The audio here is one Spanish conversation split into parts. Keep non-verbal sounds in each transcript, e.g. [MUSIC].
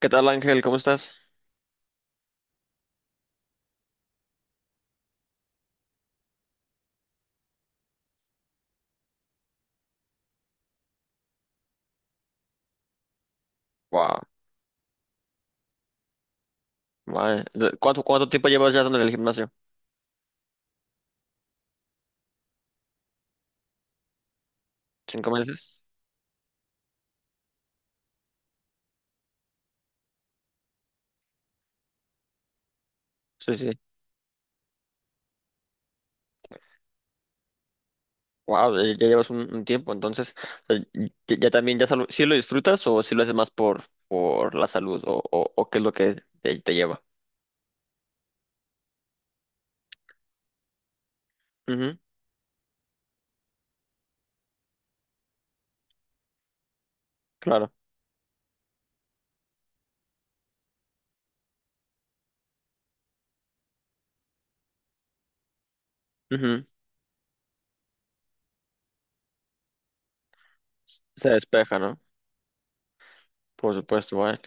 ¿Qué tal, Ángel? ¿Cómo estás? Wow, ¿Cuánto tiempo llevas ya en el gimnasio? ¿Cinco meses? Sí, sí. Wow, ya llevas un tiempo, entonces, eh, ya también, ya si ¿sí lo disfrutas o si lo haces más por la salud o qué es lo que te lleva? Ujú, claro. Ujú. Se despeja, ¿no? Por supuesto, vaya.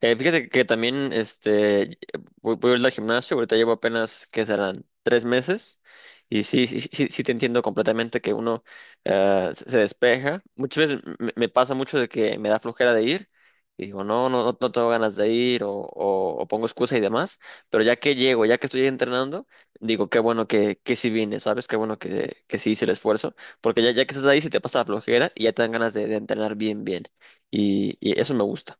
Fíjate que también voy a ir al gimnasio, ahorita llevo apenas, ¿que serán? Tres meses. Y sí te entiendo completamente que uno se despeja. Muchas veces me pasa mucho de que me da flojera de ir y digo, no tengo ganas de ir o pongo excusa y demás. Pero ya que llego, ya que estoy entrenando, digo, qué bueno que sí vine, ¿sabes? Qué bueno que sí hice el esfuerzo. Porque ya que estás ahí, sí te pasa la flojera y ya te dan ganas de entrenar bien, bien. Y eso me gusta.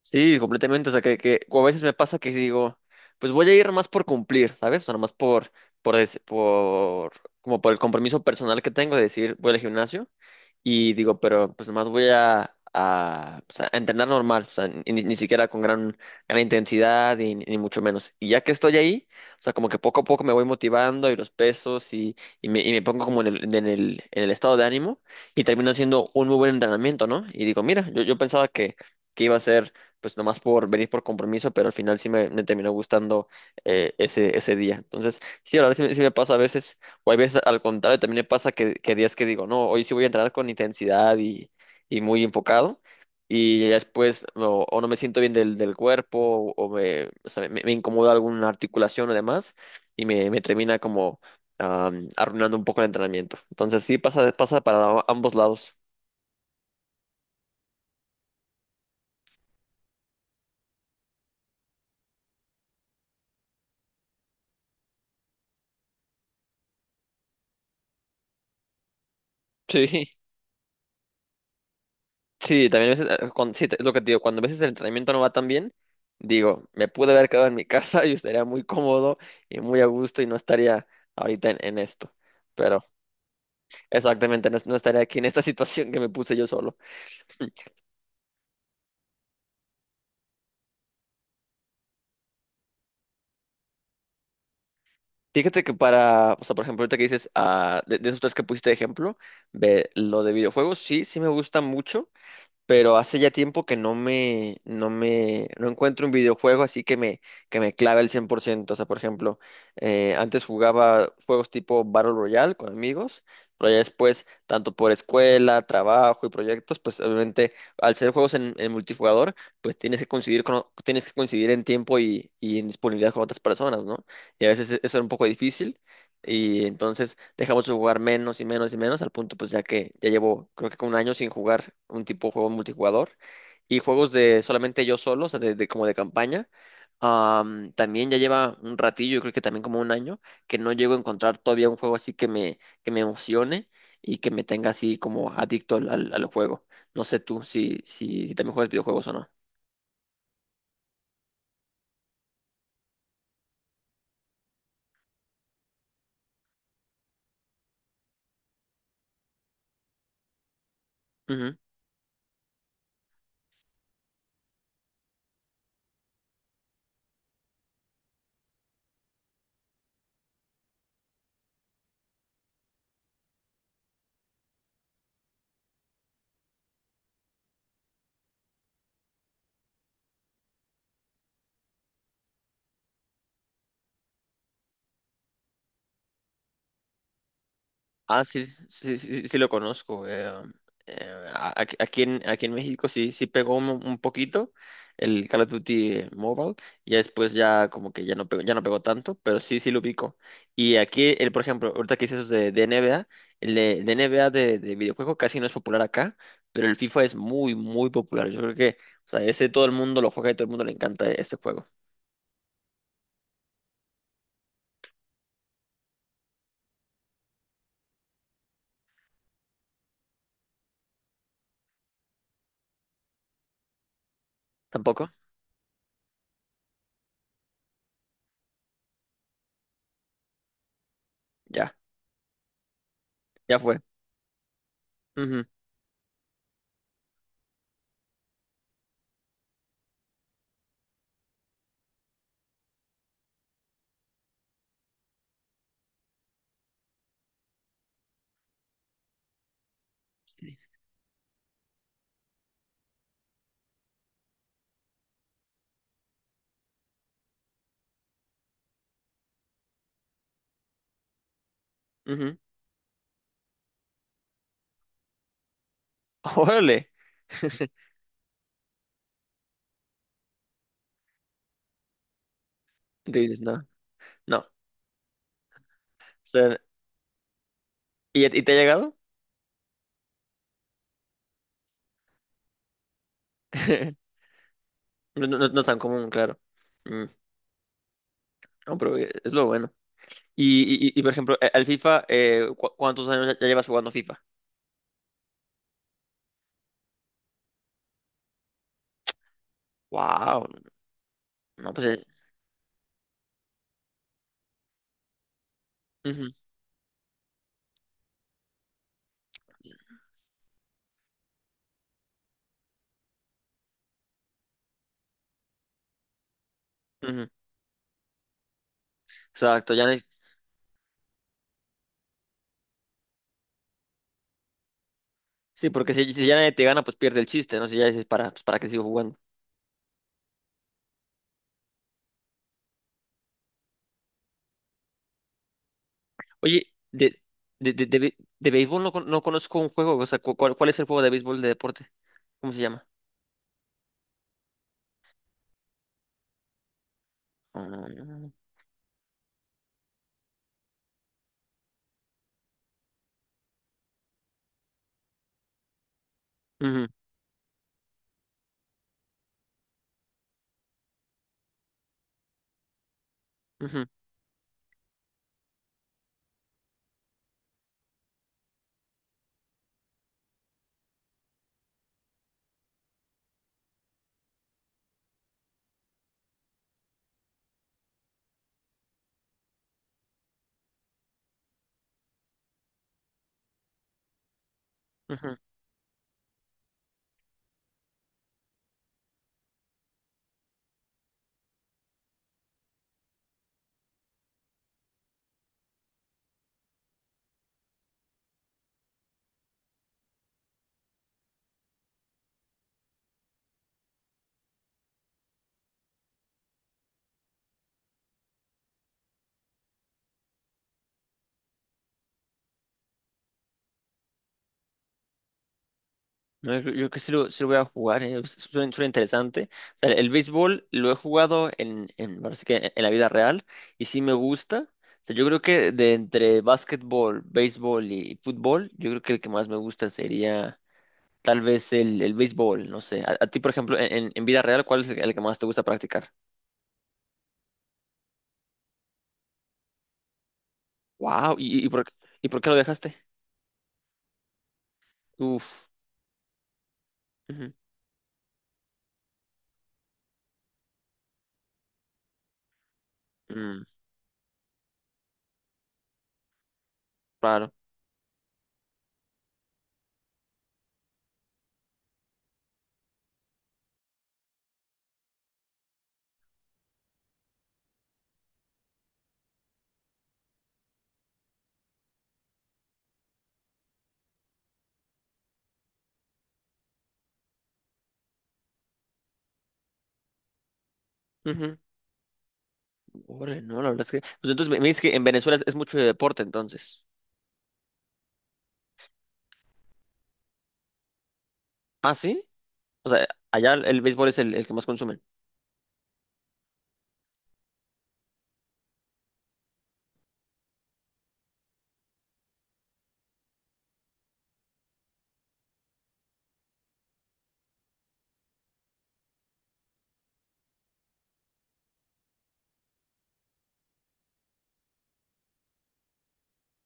Sí, completamente. O sea, que o a veces me pasa que digo, pues voy a ir más por cumplir, ¿sabes? O sea, más por como por el compromiso personal que tengo de decir, voy al gimnasio y digo, pero pues más voy a, pues, a entrenar normal, o sea, ni siquiera con gran intensidad y, ni mucho menos. Y ya que estoy ahí, o sea, como que poco a poco me voy motivando y los pesos y me pongo como en el estado de ánimo y termino haciendo un muy buen entrenamiento, ¿no? Y digo, mira, yo pensaba que iba a ser pues nomás por venir por compromiso, pero al final sí me terminó gustando ese día. Entonces, sí, la verdad sí me pasa a veces, o hay veces al contrario, también me pasa que días que digo, no, hoy sí voy a entrenar con intensidad y muy enfocado, y ya después no- o no me siento bien del cuerpo, o sea, me incomoda alguna articulación o demás, me termina como arruinando un poco el entrenamiento. Entonces, sí, pasa, pasa para ambos lados. [LAUGHS] Sí. Sí, también a veces, cuando, sí, es lo que te digo, cuando a veces el entrenamiento no va tan bien, digo, me pude haber quedado en mi [LAUGHS] casa y estaría muy cómodo y muy a gusto y no estaría ahorita en esto. Pero exactamente, no, no estaría aquí en esta [LAUGHS] situación que me puse yo solo. Fíjate que para, o sea, por ejemplo, ahorita que dices, ah, de esos tres que pusiste de ejemplo, ve, lo de videojuegos, sí, sí me gusta mucho. Pero hace ya tiempo que no encuentro un videojuego así que que me clave el cien por ciento. O sea, por ejemplo, antes jugaba juegos tipo Battle Royale con amigos, pero ya después, tanto por escuela, trabajo y proyectos, pues obviamente al ser juegos en multijugador, pues tienes que coincidir tienes que coincidir en tiempo y en disponibilidad con otras personas, ¿no? Y a veces eso era un poco difícil, y entonces dejamos de jugar menos y menos y menos, al punto pues ya llevo creo que como un año sin jugar un tipo de juego multijugador. Y juegos de solamente yo solo, o sea, como de campaña. También ya lleva un ratillo, yo creo que también como un año, que no llego a encontrar todavía un juego así que me emocione y que me tenga así como adicto al juego. No sé tú si también juegas videojuegos o no. Ah, sí lo conozco. Aquí en México sí, sí pegó un poquito el Call of Duty Mobile. Ya después ya como que ya no pegó tanto, pero sí, sí lo ubico. Y aquí, el, por ejemplo, ahorita que dices eso de NBA, el de NBA de videojuego casi no es popular acá, pero el FIFA es muy, muy popular. Yo creo que, o sea, ese todo el mundo lo juega y todo el mundo le encanta ese juego. ¿Tampoco? Ya, ya fue. Ujú, ujú. [LAUGHS] Órale. Dices, no, no. ¿Y, y te ha llegado? [LAUGHS] No, no, no es tan común, claro. Mm, no, pero es lo bueno. Y, por ejemplo, al FIFA, ¿cuántos años ya ya llevas jugando FIFA? Wow, no, pues... ujú, ujú. Exacto, ya... Sí, porque si ya nadie te gana, pues pierde el chiste, ¿no? Si ya dices, para, pues, ¿para qué sigo jugando? Oye, de béisbol no, no conozco un juego, o sea, ¿cuál es el juego de béisbol de deporte? ¿Cómo se llama? Ah, ujú, ujú, ujú. No, yo creo que sí lo voy a jugar, suena, suena interesante. O sea, el béisbol lo he jugado ahora sí que en la vida real y sí me gusta. O sea, yo creo que de entre básquetbol, béisbol y fútbol, yo creo que el que más me gusta sería tal vez el béisbol, no sé. A ti, por ejemplo, en vida real, ¿cuál es el que más te gusta practicar? Wow, ¿y por qué lo dejaste? Uf, ujú, mm, claro. Ujú, órale, no, la verdad es que... Pues entonces me dices que en Venezuela es mucho de deporte, entonces. ¿Ah, sí? O sea, allá el béisbol es el que más consumen.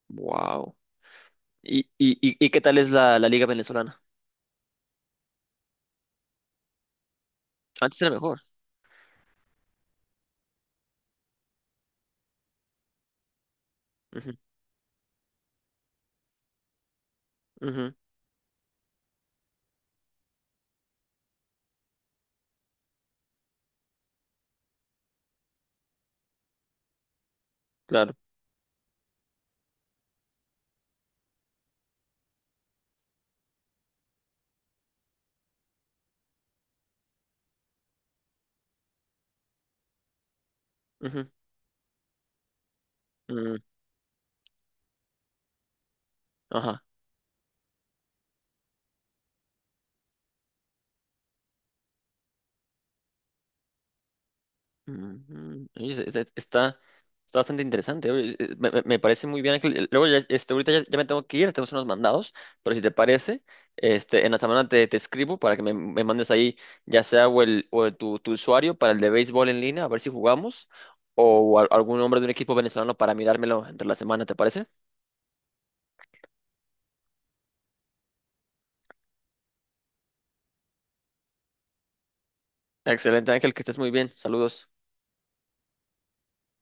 Wow. Y qué tal es la liga venezolana? Antes era mejor. Ujú, ujú, claro. Ujú, mm, ajá. Ujú. Oye, está, está bastante interesante. Oye, me parece muy bien, Ángel. Luego, ya me tengo que ir, tenemos unos mandados, pero si te parece, este, en la semana te escribo para que me mandes ahí, ya sea o tu usuario para el de béisbol en línea, a ver si jugamos, o algún nombre de un equipo venezolano para mirármelo entre la semana, ¿te parece? Excelente, Ángel, que estés muy bien. Saludos.